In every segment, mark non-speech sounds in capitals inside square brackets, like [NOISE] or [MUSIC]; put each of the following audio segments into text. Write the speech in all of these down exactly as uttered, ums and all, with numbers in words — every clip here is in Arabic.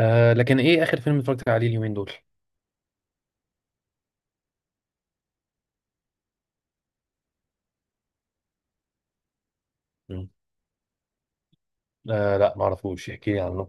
آه لكن ايه اخر فيلم اتفرجت عليه اليومين دول؟ مم. آه لا، ما اعرفوش، احكي لي عنه.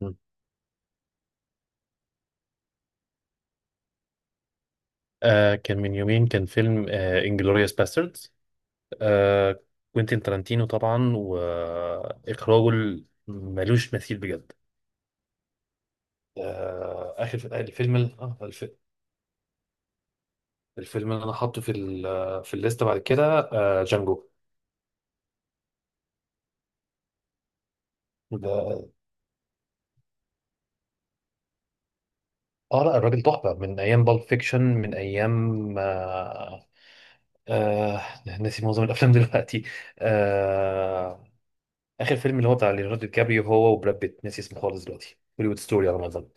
مم. آه كان من يومين، كان فيلم آه انجلوريوس باستردز. آه كوينتين ترانتينو طبعا، واخراجه ال- ملوش مثيل بجد. آه اخر ف- الفيلم ال- آه الف- الفيلم اللي انا حاطه في ال- في الليسته بعد كده آه جانجو. ده- اه لا، الراجل تحفه من ايام بالب فيكشن، من ايام آه آه ناسي معظم الافلام دلوقتي. آه اخر فيلم اللي هو بتاع ليوناردو دي كابريو، هو وبراد بيت، ناسي اسمه خالص دلوقتي، هوليوود ستوري على ما اظن.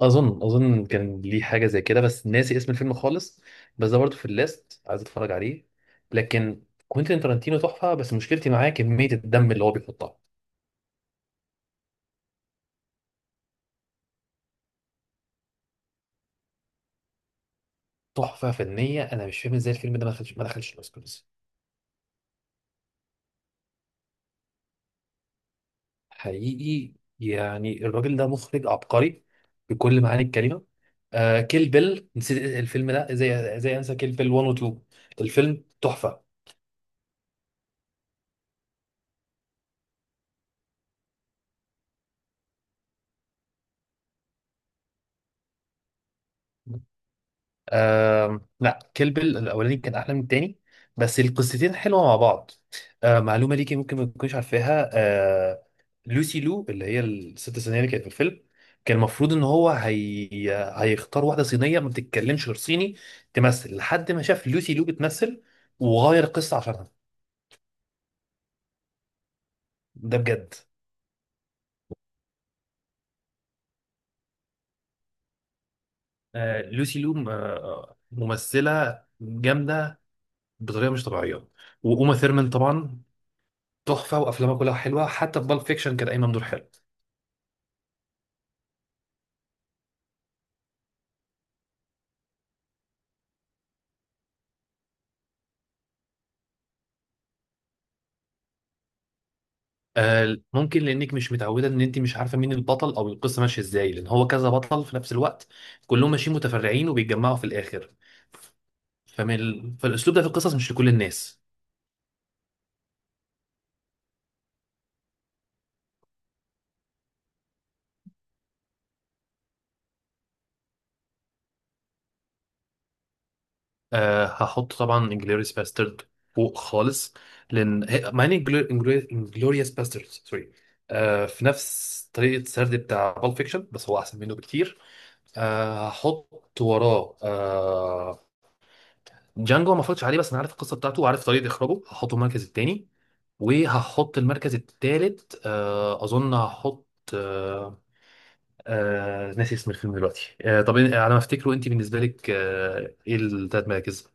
اظن اظن كان ليه حاجه زي كده، بس ناسي اسم الفيلم خالص. بس ده برضه في اللاست، عايز اتفرج عليه. لكن كوينتين ترنتينو تحفه، بس مشكلتي معاه كميه الدم اللي هو بيحطها. تحفه فنيه، انا مش فاهم ازاي الفيلم ده ما دخلش ما دخلش الاوسكارز. حقيقي، يعني الراجل ده مخرج عبقري بكل معاني الكلمه. آه كيل بيل، نسيت الفيلم ده ازاي، ازاي انسى كيل بيل واحد و اتنين؟ الفيلم تحفه. آم، لا، كيل بيل الاولاني كان احلى من التاني، بس القصتين حلوه مع بعض. آه معلومه ليكي ممكن ما تكونيش عارفاها آه لوسي لو، اللي هي الست صينيه اللي كانت في الفيلم، كان المفروض ان هو هي... هيختار واحده صينيه ما بتتكلمش غير صيني تمثل، لحد ما شاف لوسي لو بتمثل وغير القصه عشانها، ده بجد. آه لوسي لو آه، ممثله جامده بطريقه مش طبيعيه. وأوما ثيرمان طبعا تحفه، وافلامها كلها حلوه، حتى في بالب فيكشن كانت قايمه بدور حلو. آه، ممكن لانك مش متعوده ان انت مش عارفه مين البطل او القصه ماشيه ازاي، لان هو كذا بطل في نفس الوقت، كلهم ماشيين متفرعين وبيتجمعوا في الاخر. فمن ال- فالاسلوب ده في القصص مش لكل الناس. أه هحط طبعا انجلوريوس باسترد فوق خالص، لان هي- مع ان انجلوريوس باسترد، سوري، أه في نفس طريقه السرد بتاع بول فيكشن، بس هو احسن منه بكتير. أه هحط وراه آه، جانجو. ما اتفرجتش عليه، بس انا عارف القصه بتاعته وعارف طريقه اخراجه، هحطه المركز الثاني. وهحط المركز الثالث آه اظن هحط آه آه ناسي اسم الفيلم دلوقتي. آه طب إن- على ما افتكره، انت بالنسبه لك آه ايه الثلاث مراكز؟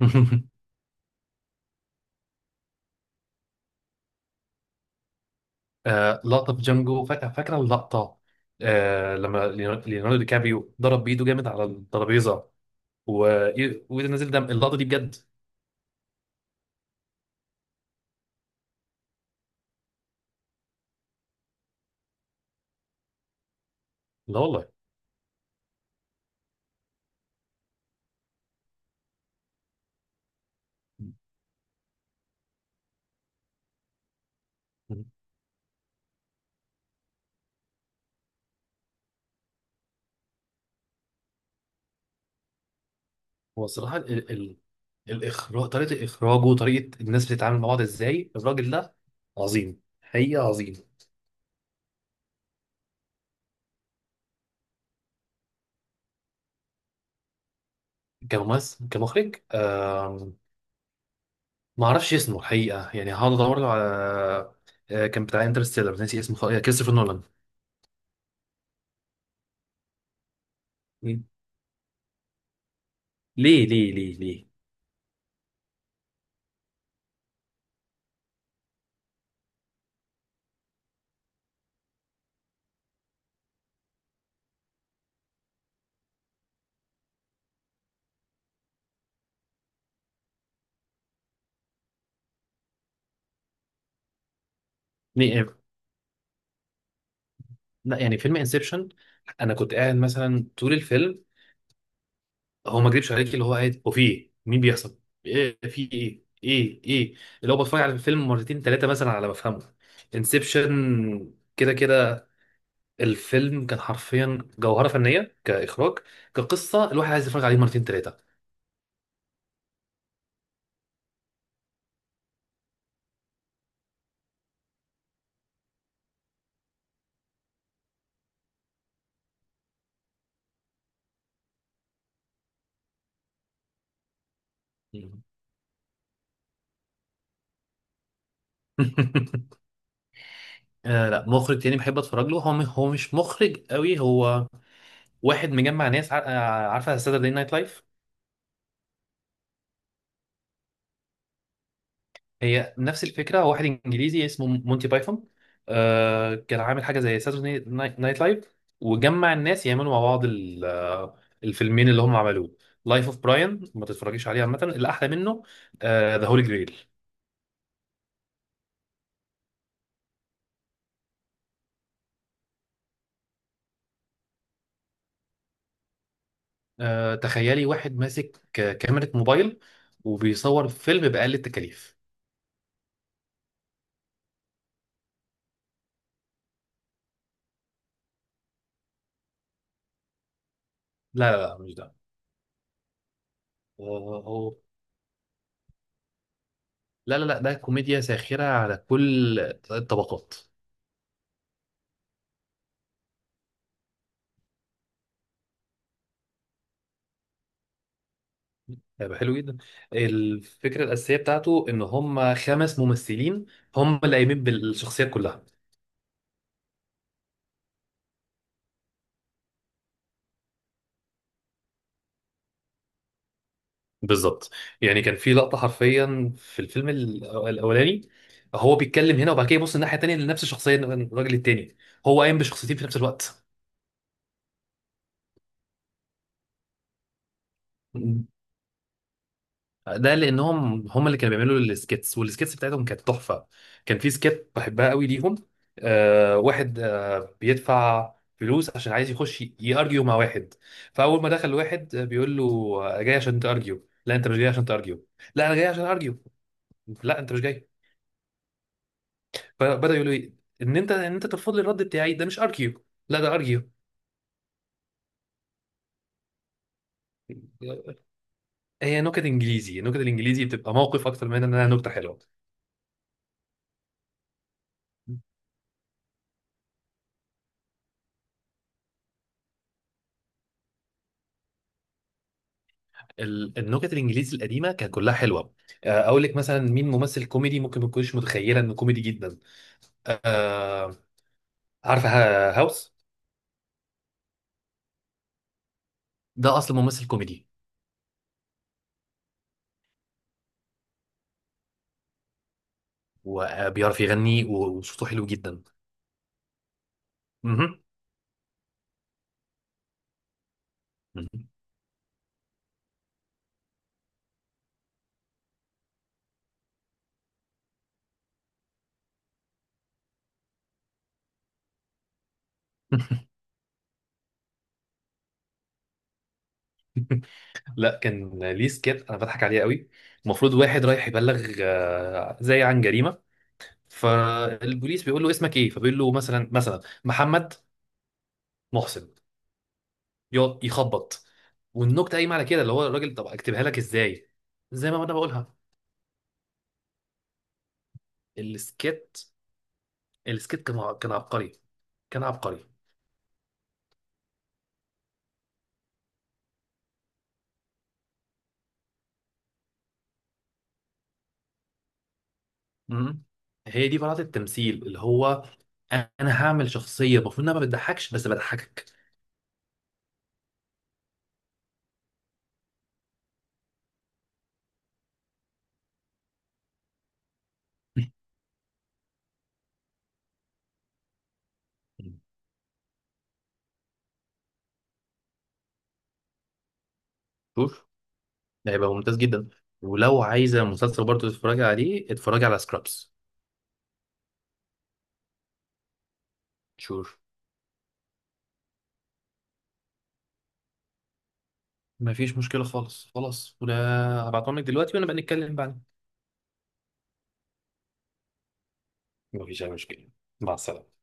[LAUGHS] آه لقطه في جانجو فاكره، فاكره اللقطه، آه لما ليوناردو ليوناردو دي كابريو ضرب بايده جامد على الترابيزه و- وايده نزل دم، اللقطه دي بجد. لا والله. هو الصراحة ال... ال... الإخراج، طريقة إخراجه وطريقة الناس بتتعامل مع بعض إزاي، الراجل ده عظيم، حقيقة عظيم. كممثل، كمخرج آم... ما أعرفش اسمه الحقيقة، يعني هقعد أدور له على آه، كان بتاع انترستيلر، ناسي اسمه خ- آه، كريستوفر نولان. مين؟ ليه ليه ليه ليه؟ ليه؟ لا، يعني فيلم انسبشن، أنا كنت قاعد مثلا طول الفيلم، هو ما اكذبش عليك، اللي هو قاعد وفي ايه، مين بيحصل ايه، في ايه ايه ايه. اللي هو بتفرج على الفيلم مرتين ثلاثه مثلا على ما افهمه. انسبشن كده كده الفيلم كان حرفيا جوهره فنيه كاخراج، كقصه، الواحد عايز يتفرج عليه مرتين ثلاثه. [LAUGHS] آه لا، مخرج تاني بحب اتفرج له، هو م- هو مش مخرج قوي، هو واحد مجمع ناس عار- آه، عارفه ساتردي نايت لايف؟ هي نفس الفكره، واحد انجليزي اسمه مونتي بايثون آه كان عامل حاجه زي ساتورday نايت لايف، وجمع الناس يعملوا مع بعض ال- آه، الفيلمين اللي هم عملوه. لايف اوف براين ما تتفرجيش عليه عامه، الاحلى منه ذا هولي جريل. آه، تخيلي واحد ماسك ك- كاميرا موبايل وبيصور فيلم بأقل التكاليف. لا لا لا، مش ده. هو هو- لا لا لا، ده كوميديا ساخرة على كل الطبقات. هيبقى حلو جدا. الفكره الاساسيه بتاعته ان هم خمس ممثلين هم اللي قايمين بالشخصيات كلها. بالظبط. يعني كان في لقطه حرفيا في الفيلم الأو- الاولاني، هو بيتكلم هنا وبعد كده يبص الناحيه التانيه لنفس الشخصيه الراجل التاني، هو قايم بشخصيتين في نفس الوقت. ده لانهم هم اللي كانوا بيعملوا السكيتس، والسكيتس بتاعتهم كانت تحفه. كان في سكيت بحبها قوي ليهم آه واحد آه بيدفع فلوس عشان عايز يخش يارجيو مع واحد، فاول ما دخل واحد آه، بيقول له آه، جاي عشان تارجيو؟ لا، انت مش جاي عشان تارجيو. لا، انا جاي عشان ارجيو. لا، انت مش جاي. فبدا يقول له إيه؟ ان انت، ان انت ترفض لي الرد بتاعي، ده مش ارجيو. لا، ده ارجيو. هي نكت انجليزي، نكت الانجليزي بتبقى موقف اكتر من انها نكته حلوه. ال- النكت الانجليزي القديمه كانت كلها حلوه. آه، اقول لك مثلا مين ممثل كوميدي ممكن ما تكونش متخيله انه كوميدي جدا؟ آه، عارفه ها- هاوس؟ ده اصلا ممثل كوميدي. وبيعرف يغني وصوته حلو جدا. مهم. مهم. [LAUGHS] لا كان ليه سكيت انا بضحك عليه قوي. المفروض واحد رايح يبلغ آه، زي عن جريمه، فالبوليس بيقول له اسمك ايه، فبيقول له مثلا، مثلا محمد محسن. يقعد يخبط. والنكته قايمه على كده، اللي هو الراجل طب اكتبها لك ازاي زي ما انا بقولها. السكيت، السكيت كان ع- كان عبقري، كان عبقري. مم. هي دي براءة التمثيل، اللي هو انا هعمل شخصيه المفروض انها ما بتضحكش بس بضحكك. مم. شوف، ده هيبقى ممتاز جدا. ولو عايزه مسلسل برضه تتفرجي عليه، اتفرجي على سكرابس. شوف، مفيش مشكله خالص خلاص ولا، هبعتهم لك دلوقتي وانا بقى نتكلم بعدين. مفيش اي مشكله. مع السلامه.